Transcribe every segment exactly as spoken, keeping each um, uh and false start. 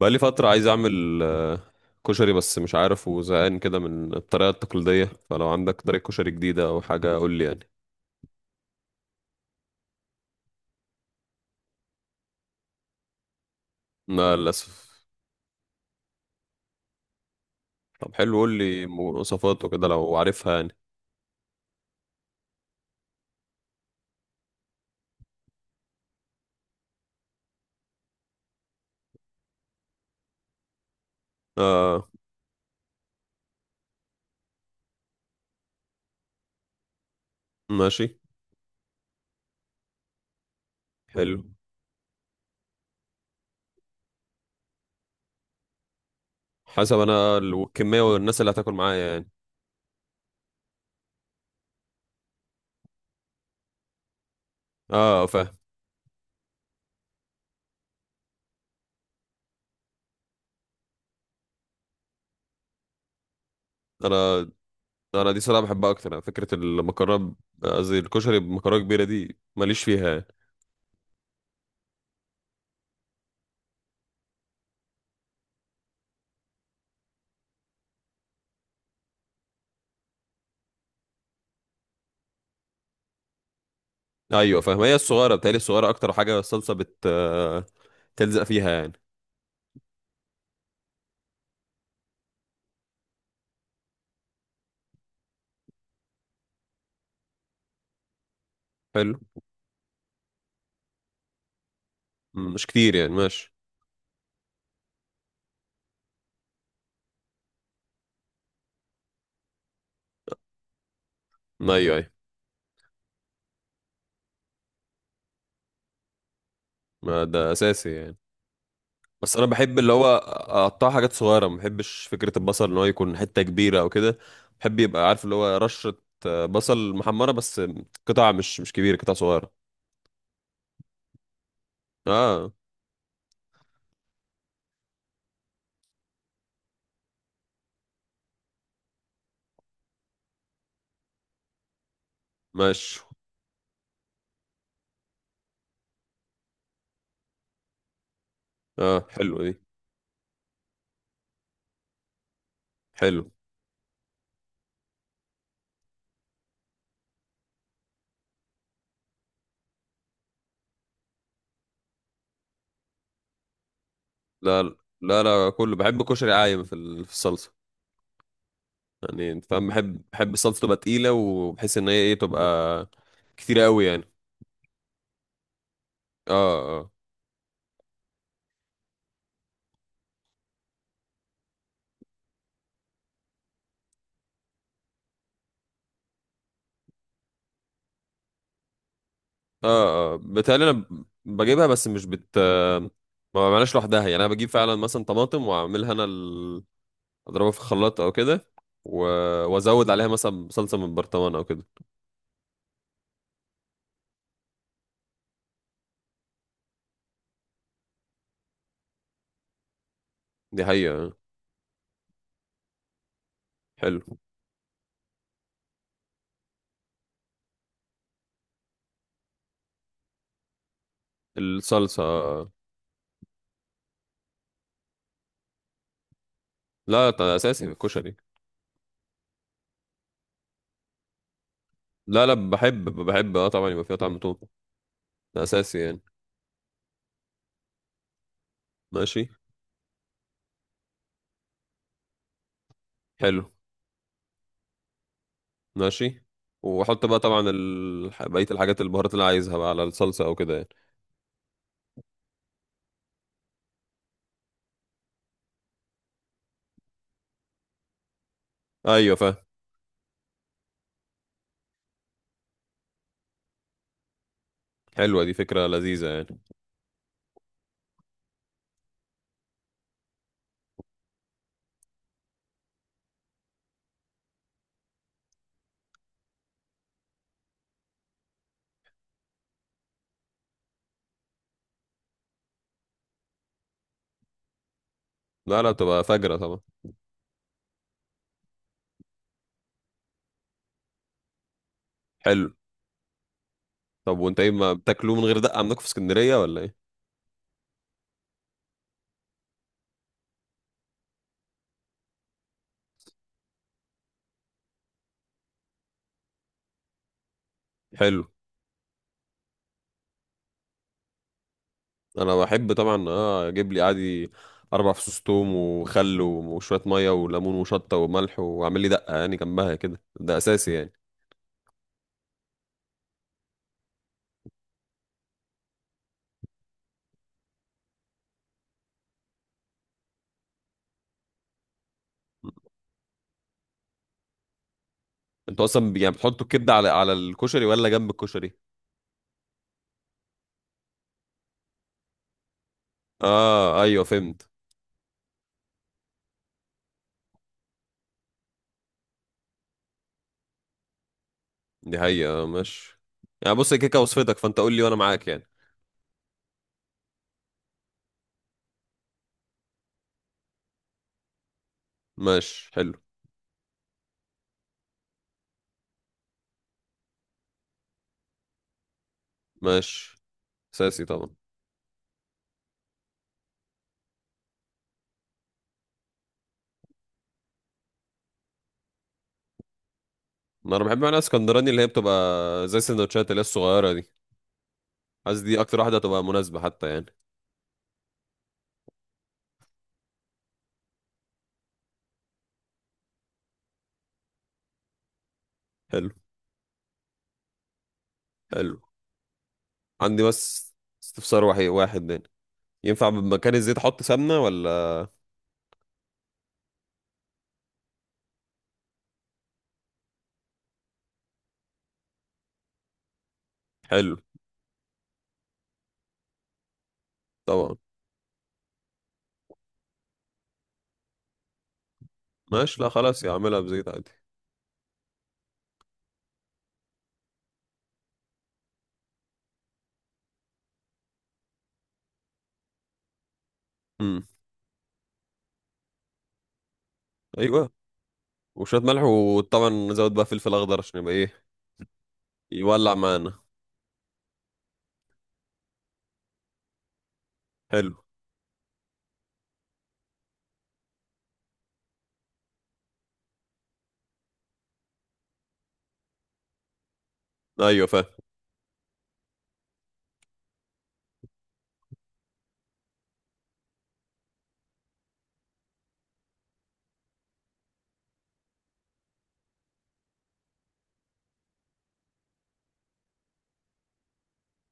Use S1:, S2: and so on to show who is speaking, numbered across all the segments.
S1: بقالي فترة عايز أعمل آه، كشري بس مش عارف وزهقان كده من الطريقة التقليدية، فلو عندك طريقة كشري جديدة أو حاجة قول لي يعني. لا للأسف. طب حلو قول لي مواصفات وكده لو عارفها يعني. آه ماشي حلو. حسب أنا الكمية والناس اللي هتاكل معايا يعني. آه فاهم. أنا أنا دي صراحة بحبها أكتر يعني، فكرة المكرونة. ب- قصدي الكشري بمكرونة كبيرة دي ماليش فيها يعني. أيوة فاهم، هي الصغيرة بتهيألي الصغيرة أكتر حاجة، الصلصة بت آه، تلزق فيها يعني. حلو، مش كتير يعني ماشي. ما ايوه ايوه ما ده اساسي يعني. بس انا بحب اللي هو اقطع حاجات صغيره، ما بحبش فكره البصل ان هو يكون حته كبيره او كده. بحب يبقى عارف اللي هو رشه، آه، بصل محمره بس، قطع مش مش كبيره، قطع صغيره. اه ماشي. اه حلو دي. حلو. لا، لا لا كله بحب، كشري عايم في ال- في الصلصه. يعني انت فاهم، بحب بحب الصلصه تبقى تقيله، وبحس ان هي ايه، تبقى كتيره قوي يعني. اه اه. اه اه بتهيألي انا بجيبها بس مش بت ما بعملهاش لوحدها يعني، انا بجيب فعلا مثلا طماطم واعملها انا ال... اضربها في الخلاط او كده، و... وازود عليها مثلا صلصه من برطمان او كده. دي حقيقه آه. حلو. الصلصه آه. لا ده اساسي في الكشري. لا لا، بحب بحب اه طبعا يبقى فيها طعم توم. ده اساسي يعني. ماشي حلو. ماشي، واحط بقى طبعا ال... بقيه الحاجات، البهارات اللي عايزها بقى على الصلصه او كده يعني. ايوه فاهم. حلوه دي، فكره لذيذه يعني. لا لا، بتبقى فجره طبعا. حلو. طب وانت ايه ما بتاكلوه من غير دقة عندكم في اسكندرية ولا ايه؟ حلو. انا بحب طبعا اه اجيب لي عادي اربع فصوص توم وخل وشوية مية وليمون وشطة وملح، واعمل لي دقة يعني جنبها كده. ده اساسي يعني. انتوا اصلا ب- يعني بتحطوا الكبدة على على الكشري ولا جنب الكشري؟ اه ايوه فهمت. دي حقيقة آه، ماشي. يعني بص هي كيكة وصفتك، فانت قول لي وانا معاك يعني. ماشي حلو. ماشي. اساسي طبعا. ما انا بحب، انا اسكندراني، اللي هي بتبقى زي السندوتشات اللي هي الصغيرة دي. قصدي اكتر واحدة هتبقى مناسبة حتى يعني. حلو حلو. عندي بس استفسار واحد واحد يعني، ينفع بمكان الزيت احط سمنة ولا؟ حلو. طبعا. ماشي، لا خلاص يا اعملها بزيت عادي. امم، ايوه. وشوية ملح، وطبعا نزود بقى فلفل اخضر عشان يبقى ايه، يولع معانا. حلو. ايوه فاهم.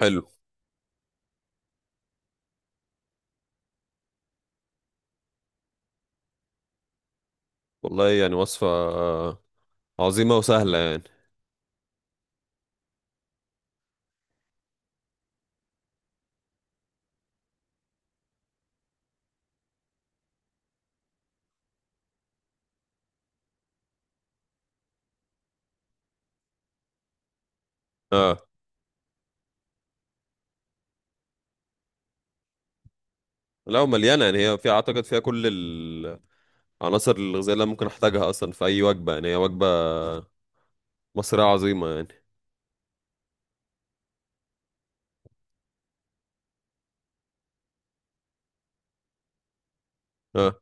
S1: حلو والله، يعني وصفة آه، عظيمة وسهلة يعني. اه، لا ومليانة يعني، هي فيها اعتقد فيها كل العناصر الغذائية اللي أنا ممكن احتاجها اصلا في اي وجبة يعني، هي وجبة مصرية عظيمة يعني. اه.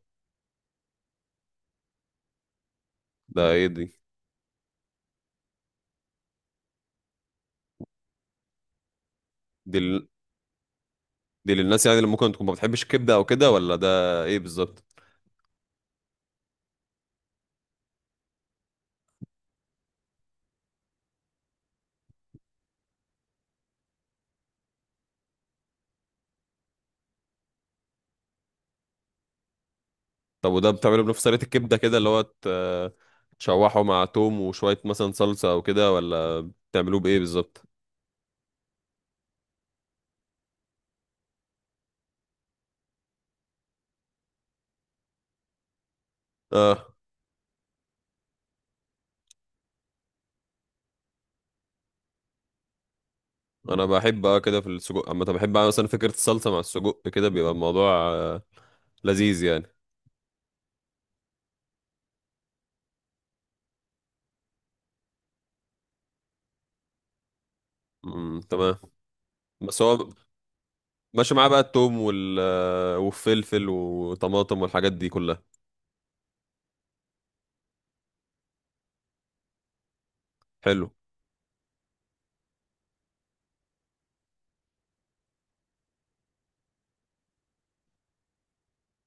S1: ده ايه دي؟ دي ال... دي للناس يعني اللي ممكن تكون ما بتحبش الكبده او كده، ولا ده ايه بالظبط؟ طب وده بتعمله بنفس طريقه الكبده كده اللي هو ت- تشوحه مع توم وشويه مثلا صلصه او كده، ولا بتعملوه بايه بالظبط؟ اه. انا بحب اه كده في السجق، اما بحب أعمل مثلا فكره الصلصه مع السجق كده بيبقى الموضوع آه، لذيذ يعني. امم تمام. بس هو ماشي معاه بقى التوم وال آه، والفلفل وطماطم والحاجات دي كلها. حلو.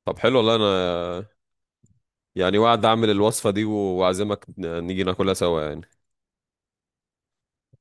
S1: طب حلو والله، انا يعني وعد اعمل الوصفة دي و- واعزمك ن- نيجي ناكلها سوا يعني.